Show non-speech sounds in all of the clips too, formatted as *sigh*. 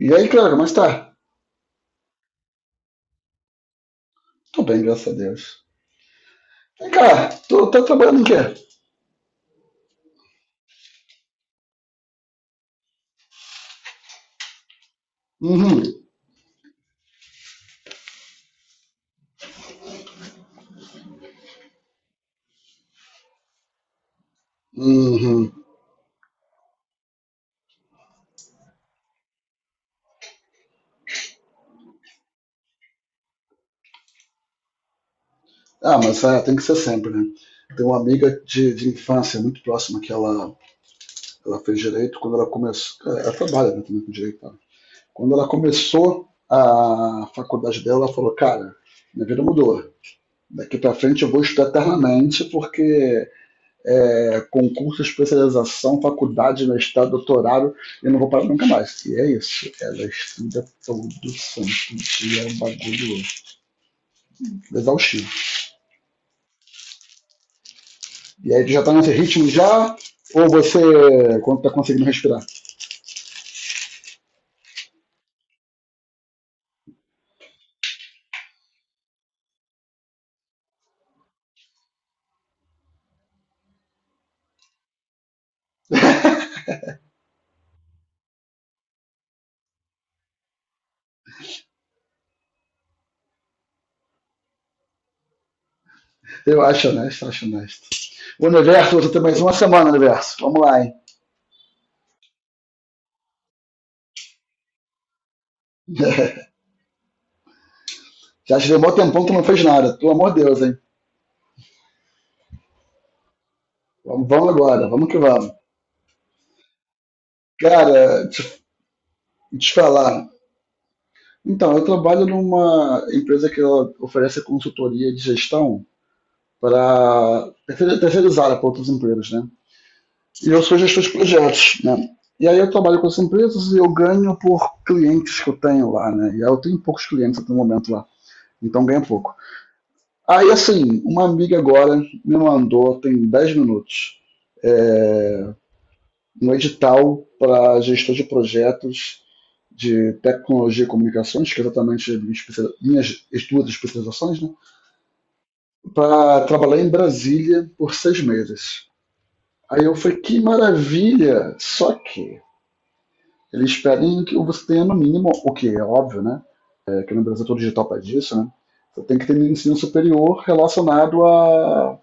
E aí, cara, mas tá? Tô bem, graças a Deus. Vem cá, tu tá trabalhando em quê? Uhum, uhum. Ah, mas tem que ser sempre, né? Tem uma amiga de infância muito próxima ela fez direito quando ela começou. Ela trabalha, né, também com direito, tá? Quando ela começou a faculdade dela, ela falou: "Cara, minha vida mudou. Daqui pra frente eu vou estudar eternamente porque concurso, especialização, faculdade, mestrado, doutorado, eu não vou parar nunca mais." E é isso. Ela estuda todo santo dia, é um bagulho exaustivo. E aí tu já tá nesse ritmo já, ou você, quando tá conseguindo respirar? Eu acho honesto, acho honesto. O universo, você tem mais uma semana, universo. Vamos lá, hein? *laughs* Já te deu um bom tempão que tu não fez nada. Pelo amor de Deus, hein? Vamos agora, vamos que vamos. Cara, te falar, Então, eu trabalho numa empresa que ela oferece consultoria de gestão para terceirizada para outros empregos, né? E eu sou gestor de projetos, né? E aí eu trabalho com essas empresas e eu ganho por clientes que eu tenho lá, né? E aí eu tenho poucos clientes até o momento lá, então ganho pouco. Aí, assim, uma amiga agora me mandou, tem 10 minutos, é, um edital para gestor de projetos de tecnologia e comunicações, que é exatamente minhas duas especializações, né? Para trabalhar em Brasília por 6 meses. Aí eu falei, que maravilha! Só que eles pedem que você tenha, no mínimo, o que é óbvio, né? É, que no Brasil é todo digital para disso, né? Você tem que ter um ensino superior relacionado à,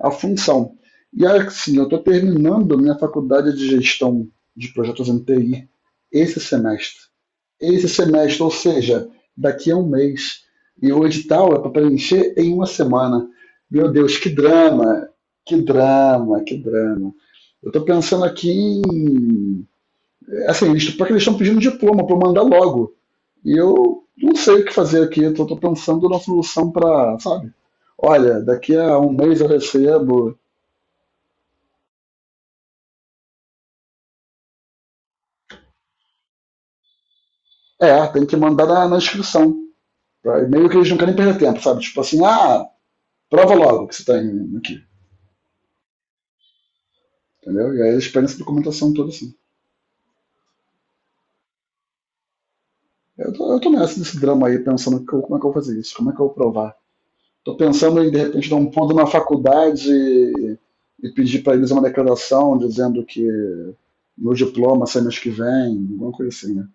à função. E assim, eu estou terminando minha faculdade de gestão de projetos em TI esse semestre. Esse semestre, ou seja, daqui a 1 mês. E o edital é para preencher em 1 semana. Meu Deus, que drama! Que drama, que drama. Eu estou pensando aqui em. Assim, eles, porque eles estão pedindo diploma para eu mandar logo. E eu não sei o que fazer aqui. Eu estou pensando numa solução para, sabe? Olha, daqui a 1 mês eu recebo. É, tem que mandar na inscrição. Tá? E meio que eles não querem perder tempo, sabe? Tipo assim, ah, prova logo que você tem aqui. Entendeu? E aí eles pedem essa documentação toda assim. Eu tô nessa, desse drama aí, pensando como é que eu vou fazer isso, como é que eu vou provar. Tô pensando em, de repente, dar um pulo na faculdade e pedir pra eles uma declaração dizendo que meu diploma sai mês que vem, alguma coisa assim, né?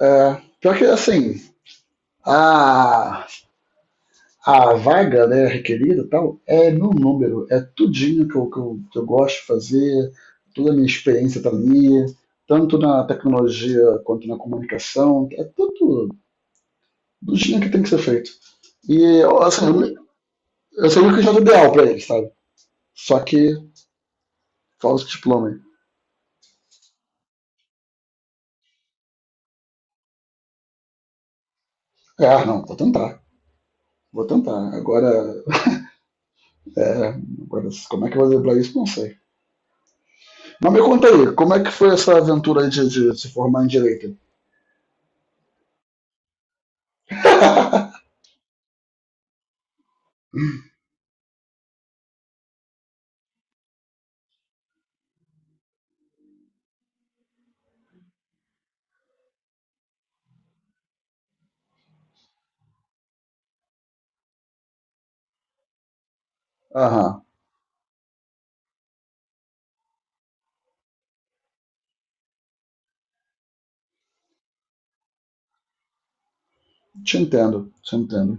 É, pior que, assim, a, a vaga, né, requerida e tal, é meu número, é tudinho que eu gosto de fazer, toda a minha experiência tá ali, tanto na tecnologia quanto na comunicação, é tudo do jeito que tem que ser feito. E, assim, eu sei o que já é o ideal pra ele, sabe? Só que falta o diploma aí. É, ah, não, vou tentar. Vou tentar. Agora, é, agora, como é que eu vou driblar isso? Não sei. Mas me conta aí, como é que foi essa aventura aí de se formar em Direito? Aham, te entendo, te entendo.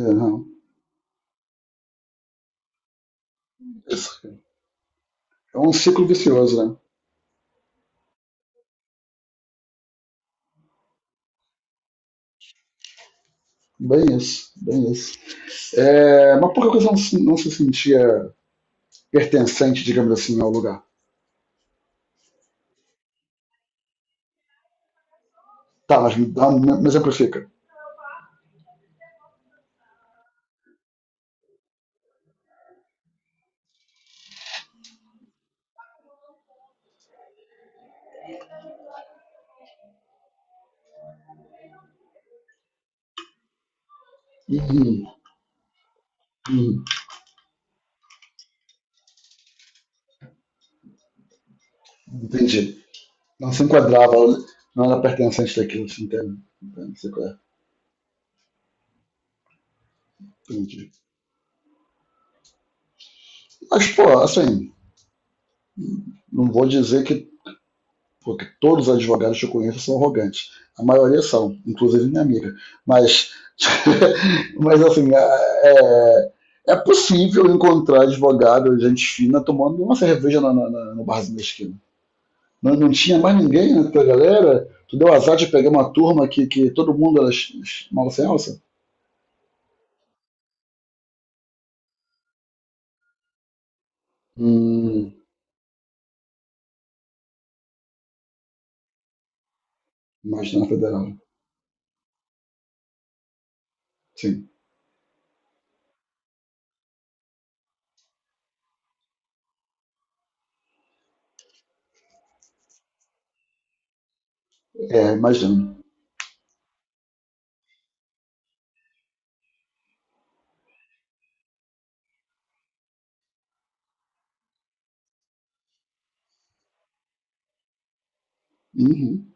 É, não, isso é um ciclo vicioso, né? Bem isso, bem isso. É, mas por que você não, não se sentia pertencente, digamos assim, ao lugar? Tá, mas me exemplifica. Hum, Hum, entendi. Não se enquadrava, não era pertencente daquilo, assim, entende? Entende? Sei qual é. Entendi. Mas, pô, assim, não vou dizer que, pô, que todos os advogados que eu conheço são arrogantes. A maioria são, inclusive minha amiga. Mas, *laughs* mas assim, é, é possível encontrar advogado, gente fina, tomando uma cerveja no barzinho da esquina. Não, não tinha mais ninguém na tua galera. Tu deu azar de pegar uma turma que todo mundo era mal sem alça? Hum, Mas na federal. Sim. É, imagino. Uhum.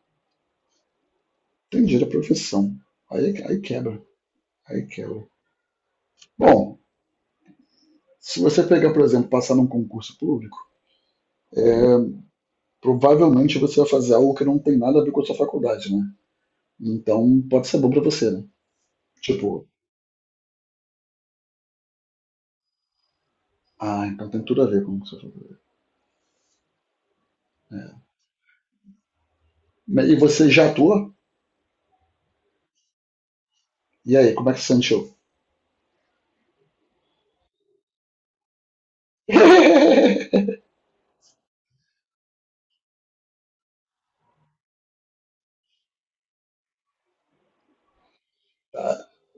Entendi a profissão. Aí, aí quebra. Aí quebra. Bom, se você pegar, por exemplo, passar num concurso público, provavelmente você vai fazer algo que não tem nada a ver com a sua faculdade, né? Então pode ser bom pra você, né? Tipo, ah, então tem tudo a ver com a sua faculdade. Mas- e você já atua? E aí, como é que você sentiu? *laughs*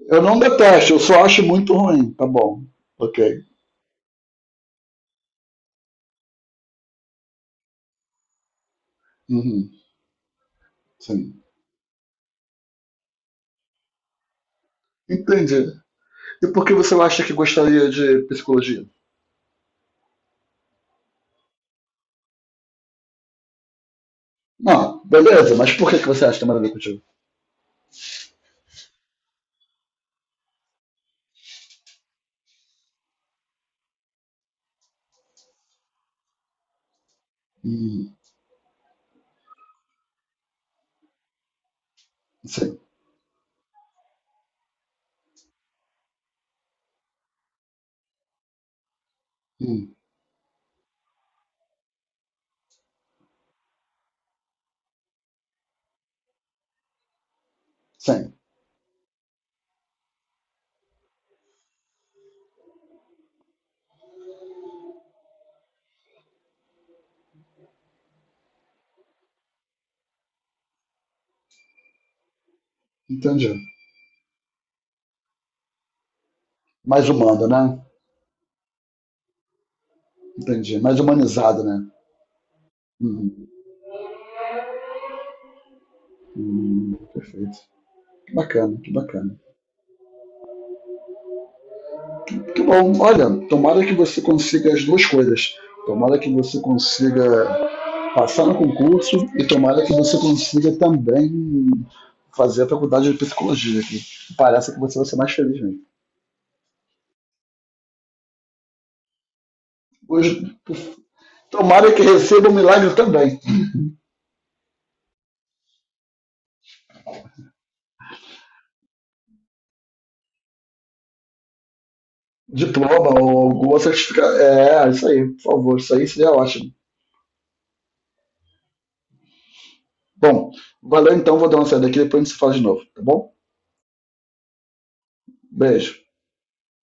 Eu não detesto, eu só acho muito ruim. Tá bom. Ok. Uhum. Sim. Entendi. E por que você acha que gostaria de psicologia? Não, beleza, mas por que, que você acha que tem nada a ver contigo? Hum, sim, hum, sim, entendi. Mais humano, né? Entendi. Mais humanizado, né? Hum, perfeito. Que bacana, que bacana. Que bom, olha, tomara que você consiga as duas coisas. Tomara que você consiga passar no concurso e tomara que você consiga também fazer a faculdade de psicologia, que parece que você vai ser mais feliz mesmo. Hoje, tomara que receba um milagre também. Diploma ou alguma certificação. É, isso aí, por favor. Isso aí seria ótimo. Bom, valeu então, vou dar uma saída aqui, depois a gente se fala de novo, tá bom? Beijo.